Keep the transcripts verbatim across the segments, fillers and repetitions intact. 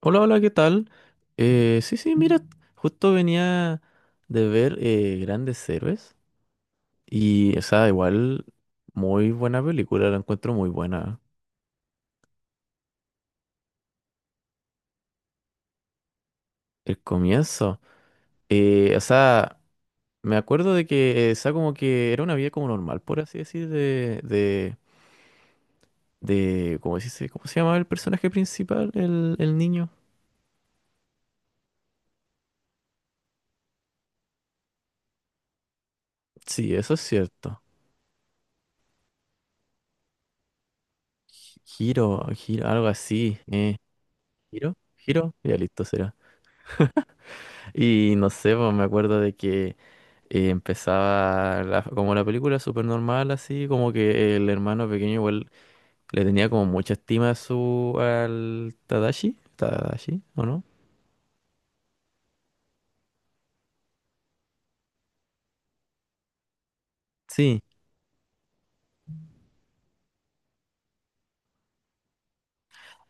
Hola, hola, ¿qué tal? Eh, sí, sí, mira, justo venía de ver eh, Grandes Héroes y, o sea, igual, muy buena película, la encuentro muy buena. El comienzo, eh, o sea, me acuerdo de que, eh, o sea, como que era una vida como normal, por así decir, de, de, de, ¿cómo se dice? ¿Cómo se llamaba el personaje principal, el, el niño? Sí, eso es cierto. Giro, giro, algo así. Eh, ¿Giro? ¿Giro? Ya listo será. Y no sé, pues me acuerdo de que eh, empezaba la- como la película súper normal, así como que el hermano pequeño igual le tenía como mucha estima a su al Tadashi, Tadashi, ¿o no? Sí.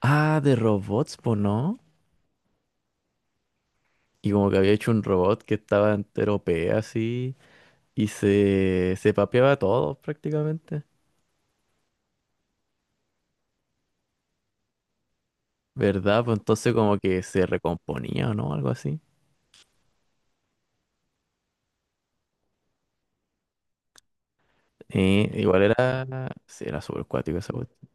Ah, de robots, pues no. Y como que había hecho un robot que estaba entero P así y se, se papeaba a todos prácticamente. ¿Verdad? Pues entonces como que se recomponía, ¿no? Algo así. Eh, igual era, sí, era súper cuático esa cuestión.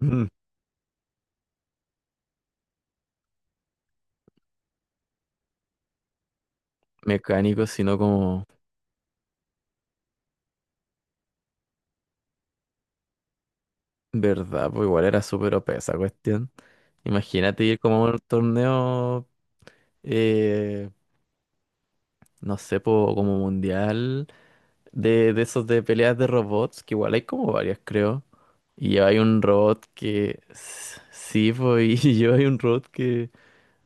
Mecánico, sino como verdad, pues igual era súper O P esa cuestión. Imagínate ir como a un torneo, eh, no sé, po, como mundial, de, de esos de peleas de robots, que igual hay como varias, creo. Y hay un robot que, s- sí, pues, y yo hay un robot que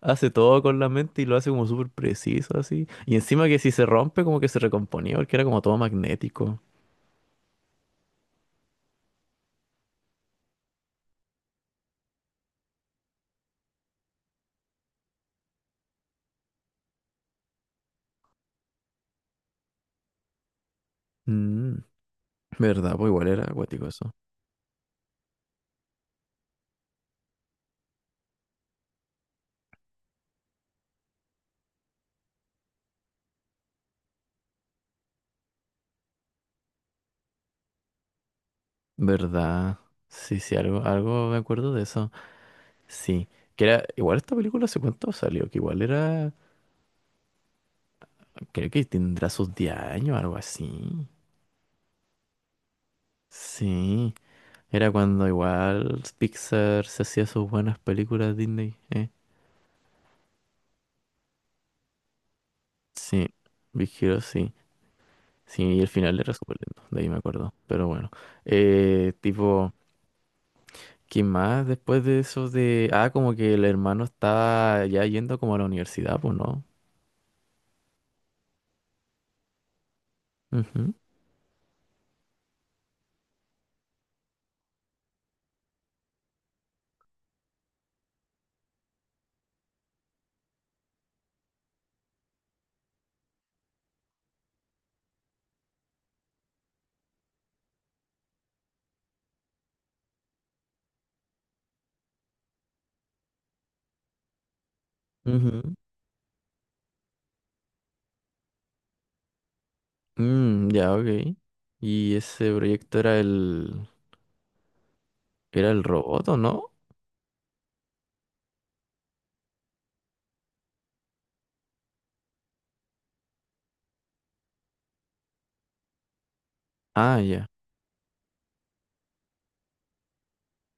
hace todo con la mente y lo hace como súper preciso, así. Y encima que si se rompe, como que se recomponía, porque era como todo magnético. Mm, Verdad, pues igual era acuático eso. ¿Verdad? Sí, sí, algo, algo me acuerdo de eso. Sí, que era, igual esta película hace cuánto salió, que igual era, creo que tendrá sus diez años, algo así. Sí, era cuando igual Pixar se hacía sus buenas películas Disney, ¿eh? Sí, Big Hero, sí. Sí, y el final era súper lindo, de ahí me acuerdo. Pero bueno, eh, tipo, ¿qué más después de eso de... Ah, como que el hermano estaba ya yendo como a la universidad, pues, ¿no? Ujú, ujú. Mm, ya, ok. Y ese proyecto era el... ¿Era el robot o no? Ah, ya.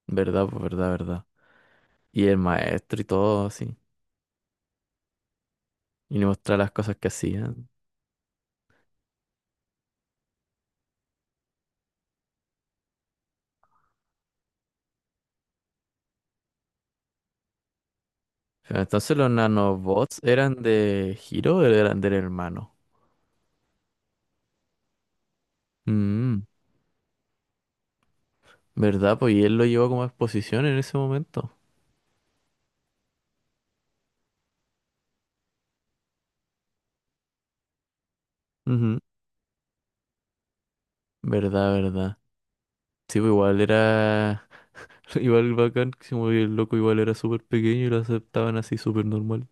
Verdad, pues verdad, verdad. Y el maestro y todo así. Y le mostraba las cosas que hacían. Pero entonces los nanobots eran de Hiro o eran del hermano. Mm, verdad, pues y él lo llevó como a exposición en ese momento. Ujú. Verdad, verdad. Sí, pues igual era... Igual bacán, que se movía el loco igual era súper pequeño y lo aceptaban así súper normal.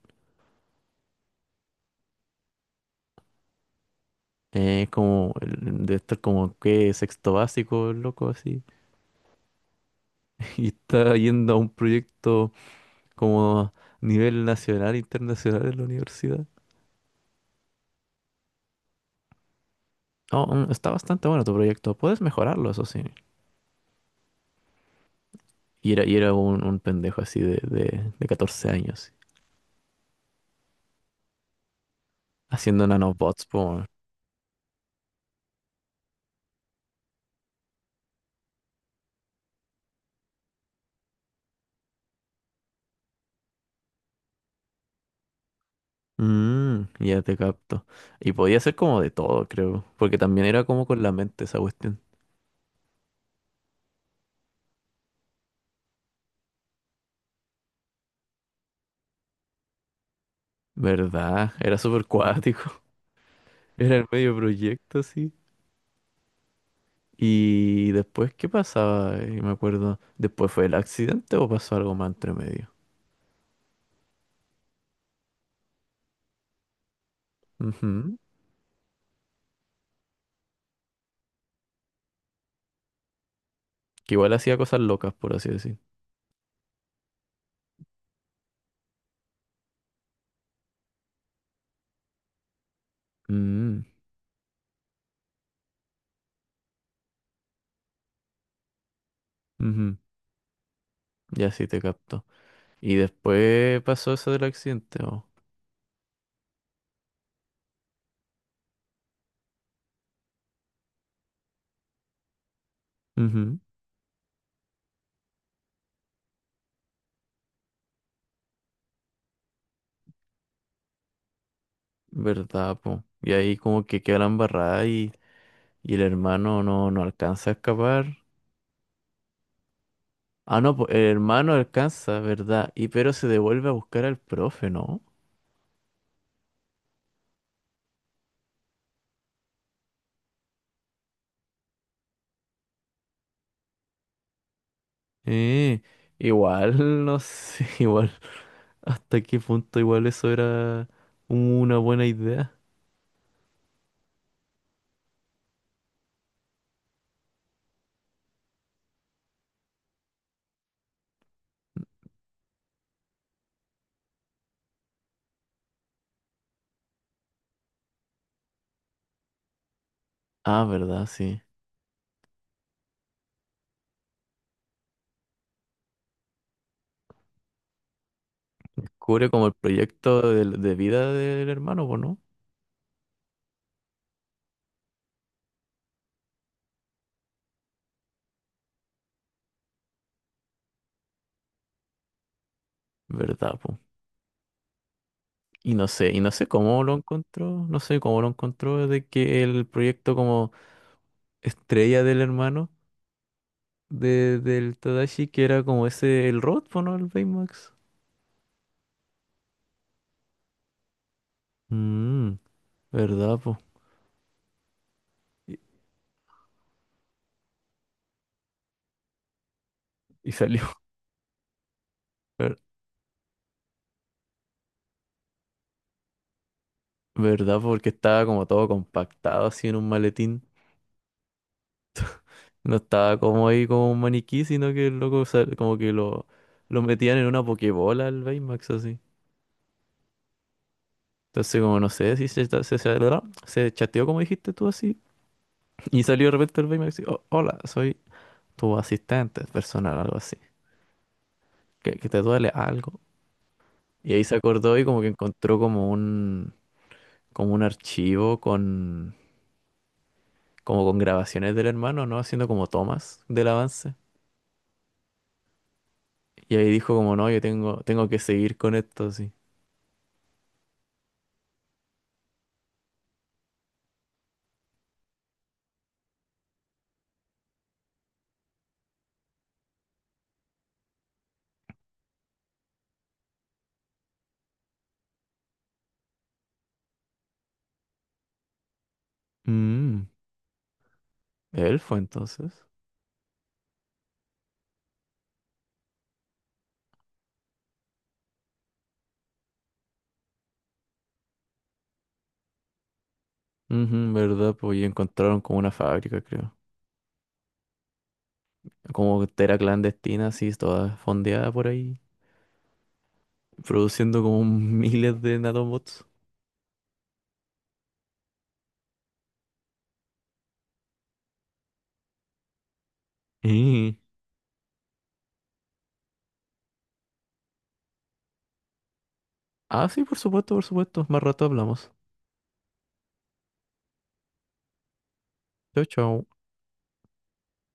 Eh, como, el- de estar como que sexto básico, loco, así. Y está yendo a un proyecto como a nivel nacional, internacional en la universidad. Oh, mm, está bastante bueno tu proyecto. Puedes mejorarlo, eso sí. Y era, y era un, un pendejo así de, de, de catorce años, haciendo nanobots, po. Mm, ya te capto. Y podía ser como de todo, creo. Porque también era como con la mente esa cuestión. ¿Verdad? Era súper cuático. Era el medio proyecto, así. Y después, ¿qué pasaba? Eh, me acuerdo, ¿después fue el accidente o pasó algo más entre medio? Ujú. Que igual hacía cosas locas, por así decir. Mm, ujú. Ya sí te capto. Y después pasó eso del accidente, ¿o? Ujú. ¿Verdad, po? Y ahí como que queda la embarrada y, y el hermano no, no alcanza a escapar. Ah, no, po, el hermano alcanza, ¿verdad? Y pero se devuelve a buscar al profe, ¿no? Eh, Igual, no sé, igual. ¿Hasta qué punto igual eso era una buena idea? Ah, verdad, sí. Cubre como el proyecto de, de vida del hermano, pues, ¿no? ¿Verdad, pues? Y no sé, y no sé cómo lo encontró, no sé cómo lo encontró de que el proyecto como estrella del hermano de, del Tadashi, que era como ese, el robot, po, ¿no? El Baymax. Mmm, ¿verdad, po? Y, y salió, ver- ¿verdad? ¿Po? Porque estaba como todo compactado así en un maletín. No estaba como ahí como un maniquí, sino que el loco sal- como que lo, lo metían en una pokebola al Baymax así. Entonces como no sé si se, ta- se, se- ¿verdad? Se chateó como dijiste tú así. Y salió de repente el Baymax y "Oh, hola, soy tu asistente personal", algo así. Que, que te duele algo. Y ahí se acordó y como que encontró como un, como un archivo con, como con grabaciones del hermano, ¿no? Haciendo como tomas del avance. Y ahí dijo como no, yo tengo, tengo que seguir con esto así. Mm. Elfo, entonces. Ujú, ¿verdad? Pues y encontraron como una fábrica, creo. Como tera clandestina, así, toda fondeada por ahí, produciendo como miles de nanobots. Y... Ah, sí, por supuesto, por supuesto. Más rato hablamos. Chao, chao.